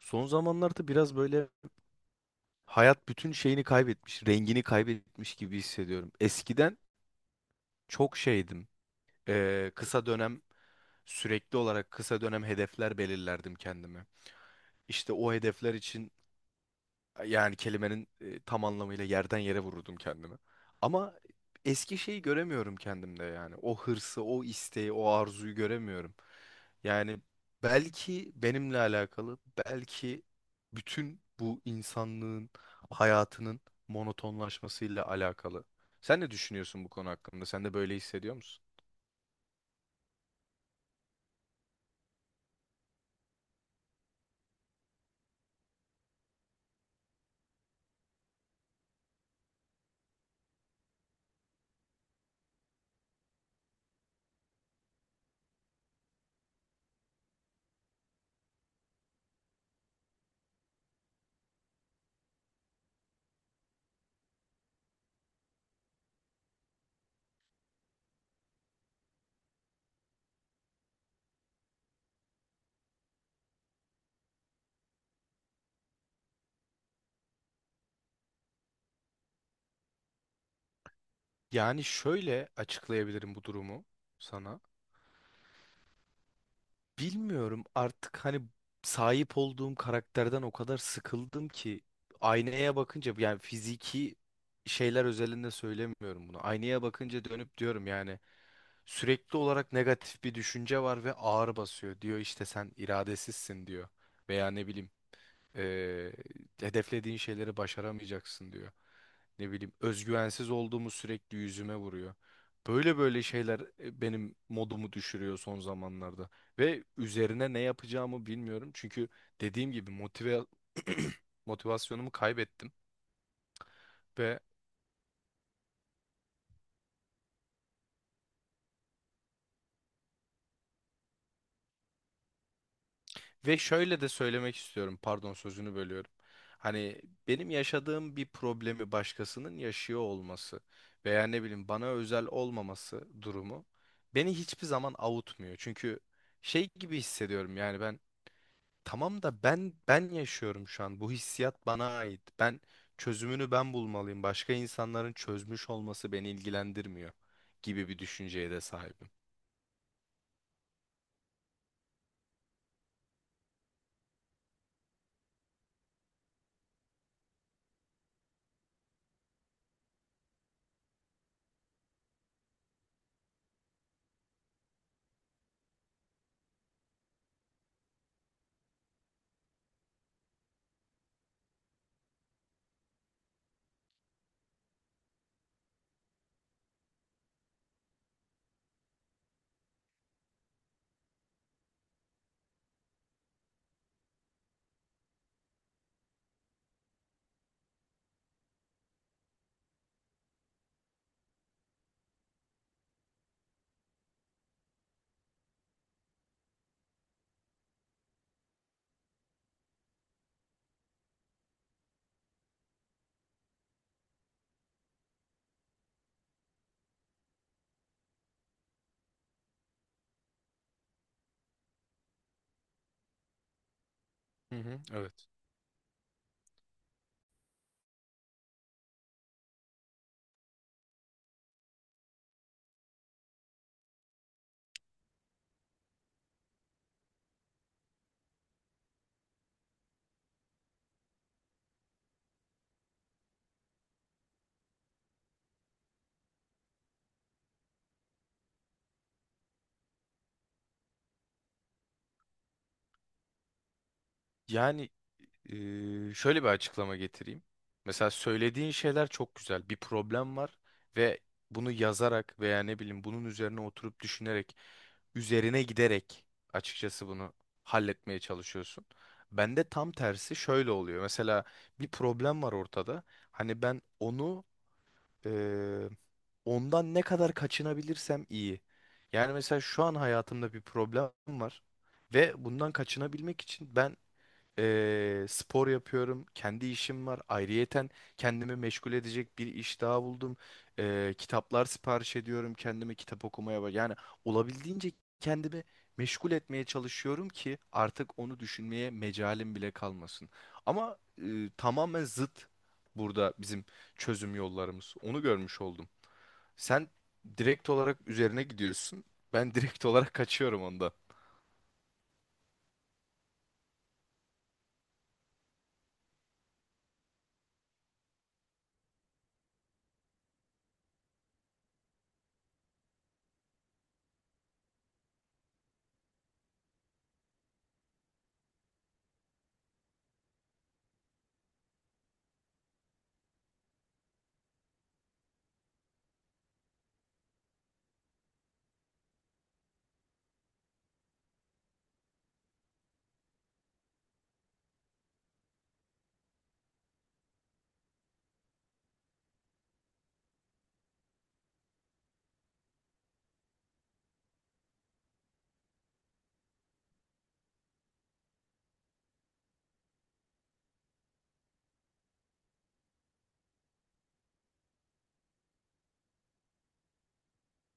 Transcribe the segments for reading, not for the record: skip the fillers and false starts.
Son zamanlarda biraz böyle hayat bütün şeyini kaybetmiş, rengini kaybetmiş gibi hissediyorum. Eskiden çok şeydim. Kısa dönem sürekli olarak kısa dönem hedefler belirlerdim kendime. İşte o hedefler için yani kelimenin tam anlamıyla yerden yere vururdum kendimi. Ama eski şeyi göremiyorum kendimde yani. O hırsı, o isteği, o arzuyu göremiyorum. Yani belki benimle alakalı, belki bütün bu insanlığın hayatının monotonlaşmasıyla alakalı. Sen ne düşünüyorsun bu konu hakkında? Sen de böyle hissediyor musun? Yani şöyle açıklayabilirim bu durumu sana. Bilmiyorum artık hani sahip olduğum karakterden o kadar sıkıldım ki aynaya bakınca yani fiziki şeyler özelinde söylemiyorum bunu. Aynaya bakınca dönüp diyorum yani sürekli olarak negatif bir düşünce var ve ağır basıyor. Diyor işte sen iradesizsin diyor veya ne bileyim ee, hedeflediğin şeyleri başaramayacaksın diyor. Ne bileyim özgüvensiz olduğumu sürekli yüzüme vuruyor. Böyle böyle şeyler benim modumu düşürüyor son zamanlarda. Ve üzerine ne yapacağımı bilmiyorum. Çünkü dediğim gibi motivasyonumu kaybettim. Ve Ve şöyle de söylemek istiyorum. Pardon sözünü bölüyorum. Hani benim yaşadığım bir problemi başkasının yaşıyor olması veya ne bileyim bana özel olmaması durumu beni hiçbir zaman avutmuyor. Çünkü şey gibi hissediyorum yani ben tamam da ben yaşıyorum şu an. Bu hissiyat bana ait. Ben çözümünü ben bulmalıyım. Başka insanların çözmüş olması beni ilgilendirmiyor gibi bir düşünceye de sahibim. Hı hı, evet. Yani şöyle bir açıklama getireyim. Mesela söylediğin şeyler çok güzel. Bir problem var ve bunu yazarak veya ne bileyim bunun üzerine oturup düşünerek, üzerine giderek açıkçası bunu halletmeye çalışıyorsun. Bende tam tersi şöyle oluyor. Mesela bir problem var ortada. Hani ben onu eee, ondan ne kadar kaçınabilirsem iyi. Yani mesela şu an hayatımda bir problem var ve bundan kaçınabilmek için ben spor yapıyorum. Kendi işim var. Ayrıyeten kendimi meşgul edecek bir iş daha buldum. Kitaplar sipariş ediyorum. Kendime kitap okumaya bak. Yani olabildiğince kendimi meşgul etmeye çalışıyorum ki artık onu düşünmeye mecalim bile kalmasın. Ama tamamen zıt burada bizim çözüm yollarımız. Onu görmüş oldum. Sen direkt olarak üzerine gidiyorsun. Ben direkt olarak kaçıyorum onda.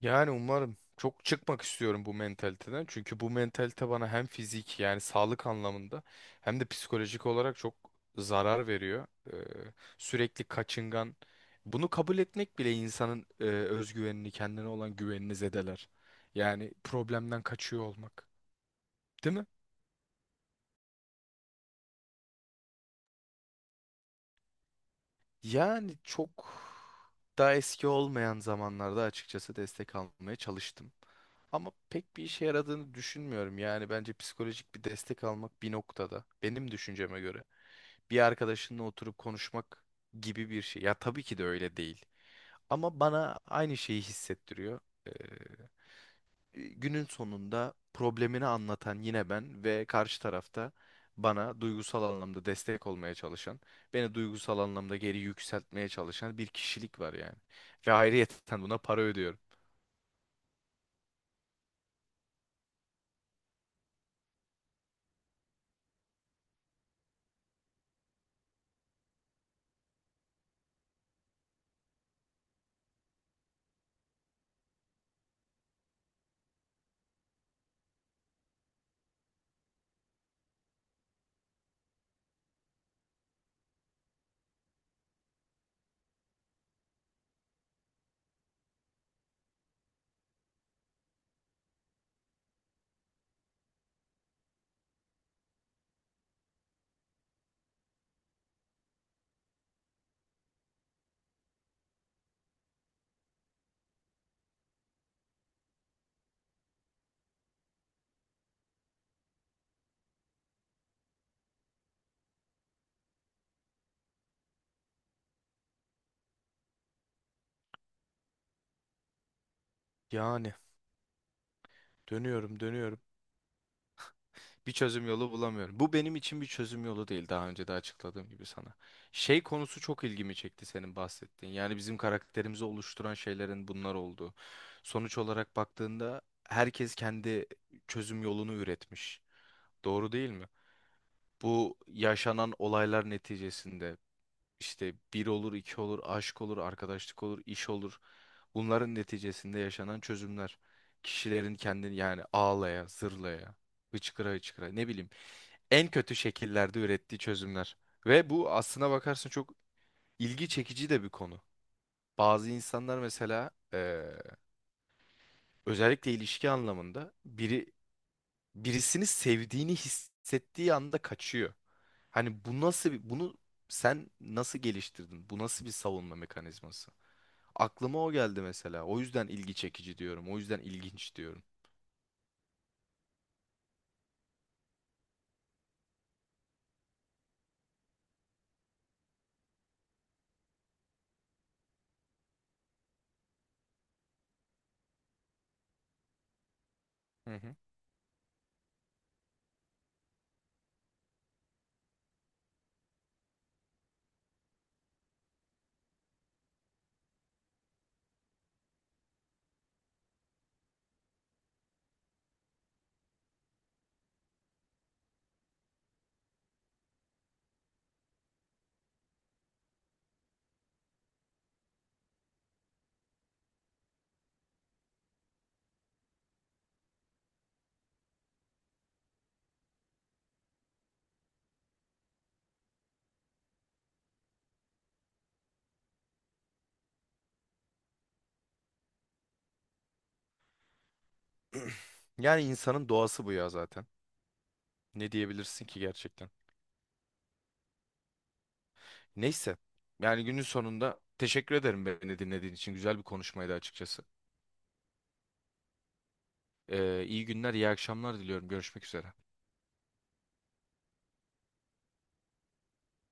Yani umarım çok çıkmak istiyorum bu mentaliteden. Çünkü bu mentalite bana hem fizik yani sağlık anlamında hem de psikolojik olarak çok zarar veriyor. Ee, sürekli kaçıngan. Bunu kabul etmek bile insanın özgüvenini, kendine olan güvenini zedeler. Yani problemden kaçıyor olmak. Değil mi? Yani çok daha eski olmayan zamanlarda açıkçası destek almaya çalıştım. Ama pek bir işe yaradığını düşünmüyorum. Yani bence psikolojik bir destek almak bir noktada benim düşünceme göre bir arkadaşınla oturup konuşmak gibi bir şey. Ya tabii ki de öyle değil. Ama bana aynı şeyi hissettiriyor. Günün sonunda problemini anlatan yine ben ve karşı tarafta bana duygusal anlamda destek olmaya çalışan, beni duygusal anlamda geri yükseltmeye çalışan bir kişilik var yani. Ve ayrıyeten buna para ödüyorum. Yani dönüyorum dönüyorum. Bir çözüm yolu bulamıyorum. Bu benim için bir çözüm yolu değil daha önce de açıkladığım gibi sana. Şey konusu çok ilgimi çekti senin bahsettiğin. Yani bizim karakterimizi oluşturan şeylerin bunlar olduğu. Sonuç olarak baktığında herkes kendi çözüm yolunu üretmiş. Doğru değil mi? Bu yaşanan olaylar neticesinde işte bir olur, iki olur, aşk olur, arkadaşlık olur, iş olur. Bunların neticesinde yaşanan çözümler. Kişilerin kendini yani ağlaya, zırlaya, hıçkıra hıçkıra ne bileyim en kötü şekillerde ürettiği çözümler. Ve bu aslına bakarsın çok ilgi çekici de bir konu. Bazı insanlar mesela özellikle ilişki anlamında biri birisini sevdiğini hissettiği anda kaçıyor. Hani bu nasıl bir, bunu sen nasıl geliştirdin? Bu nasıl bir savunma mekanizması? Aklıma o geldi mesela. O yüzden ilgi çekici diyorum. O yüzden ilginç diyorum. Hı hı. Yani insanın doğası bu ya zaten. Ne diyebilirsin ki gerçekten? Neyse. Yani günün sonunda teşekkür ederim beni dinlediğin için. Güzel bir konuşmaydı açıkçası. İyi günler, iyi akşamlar diliyorum. Görüşmek üzere.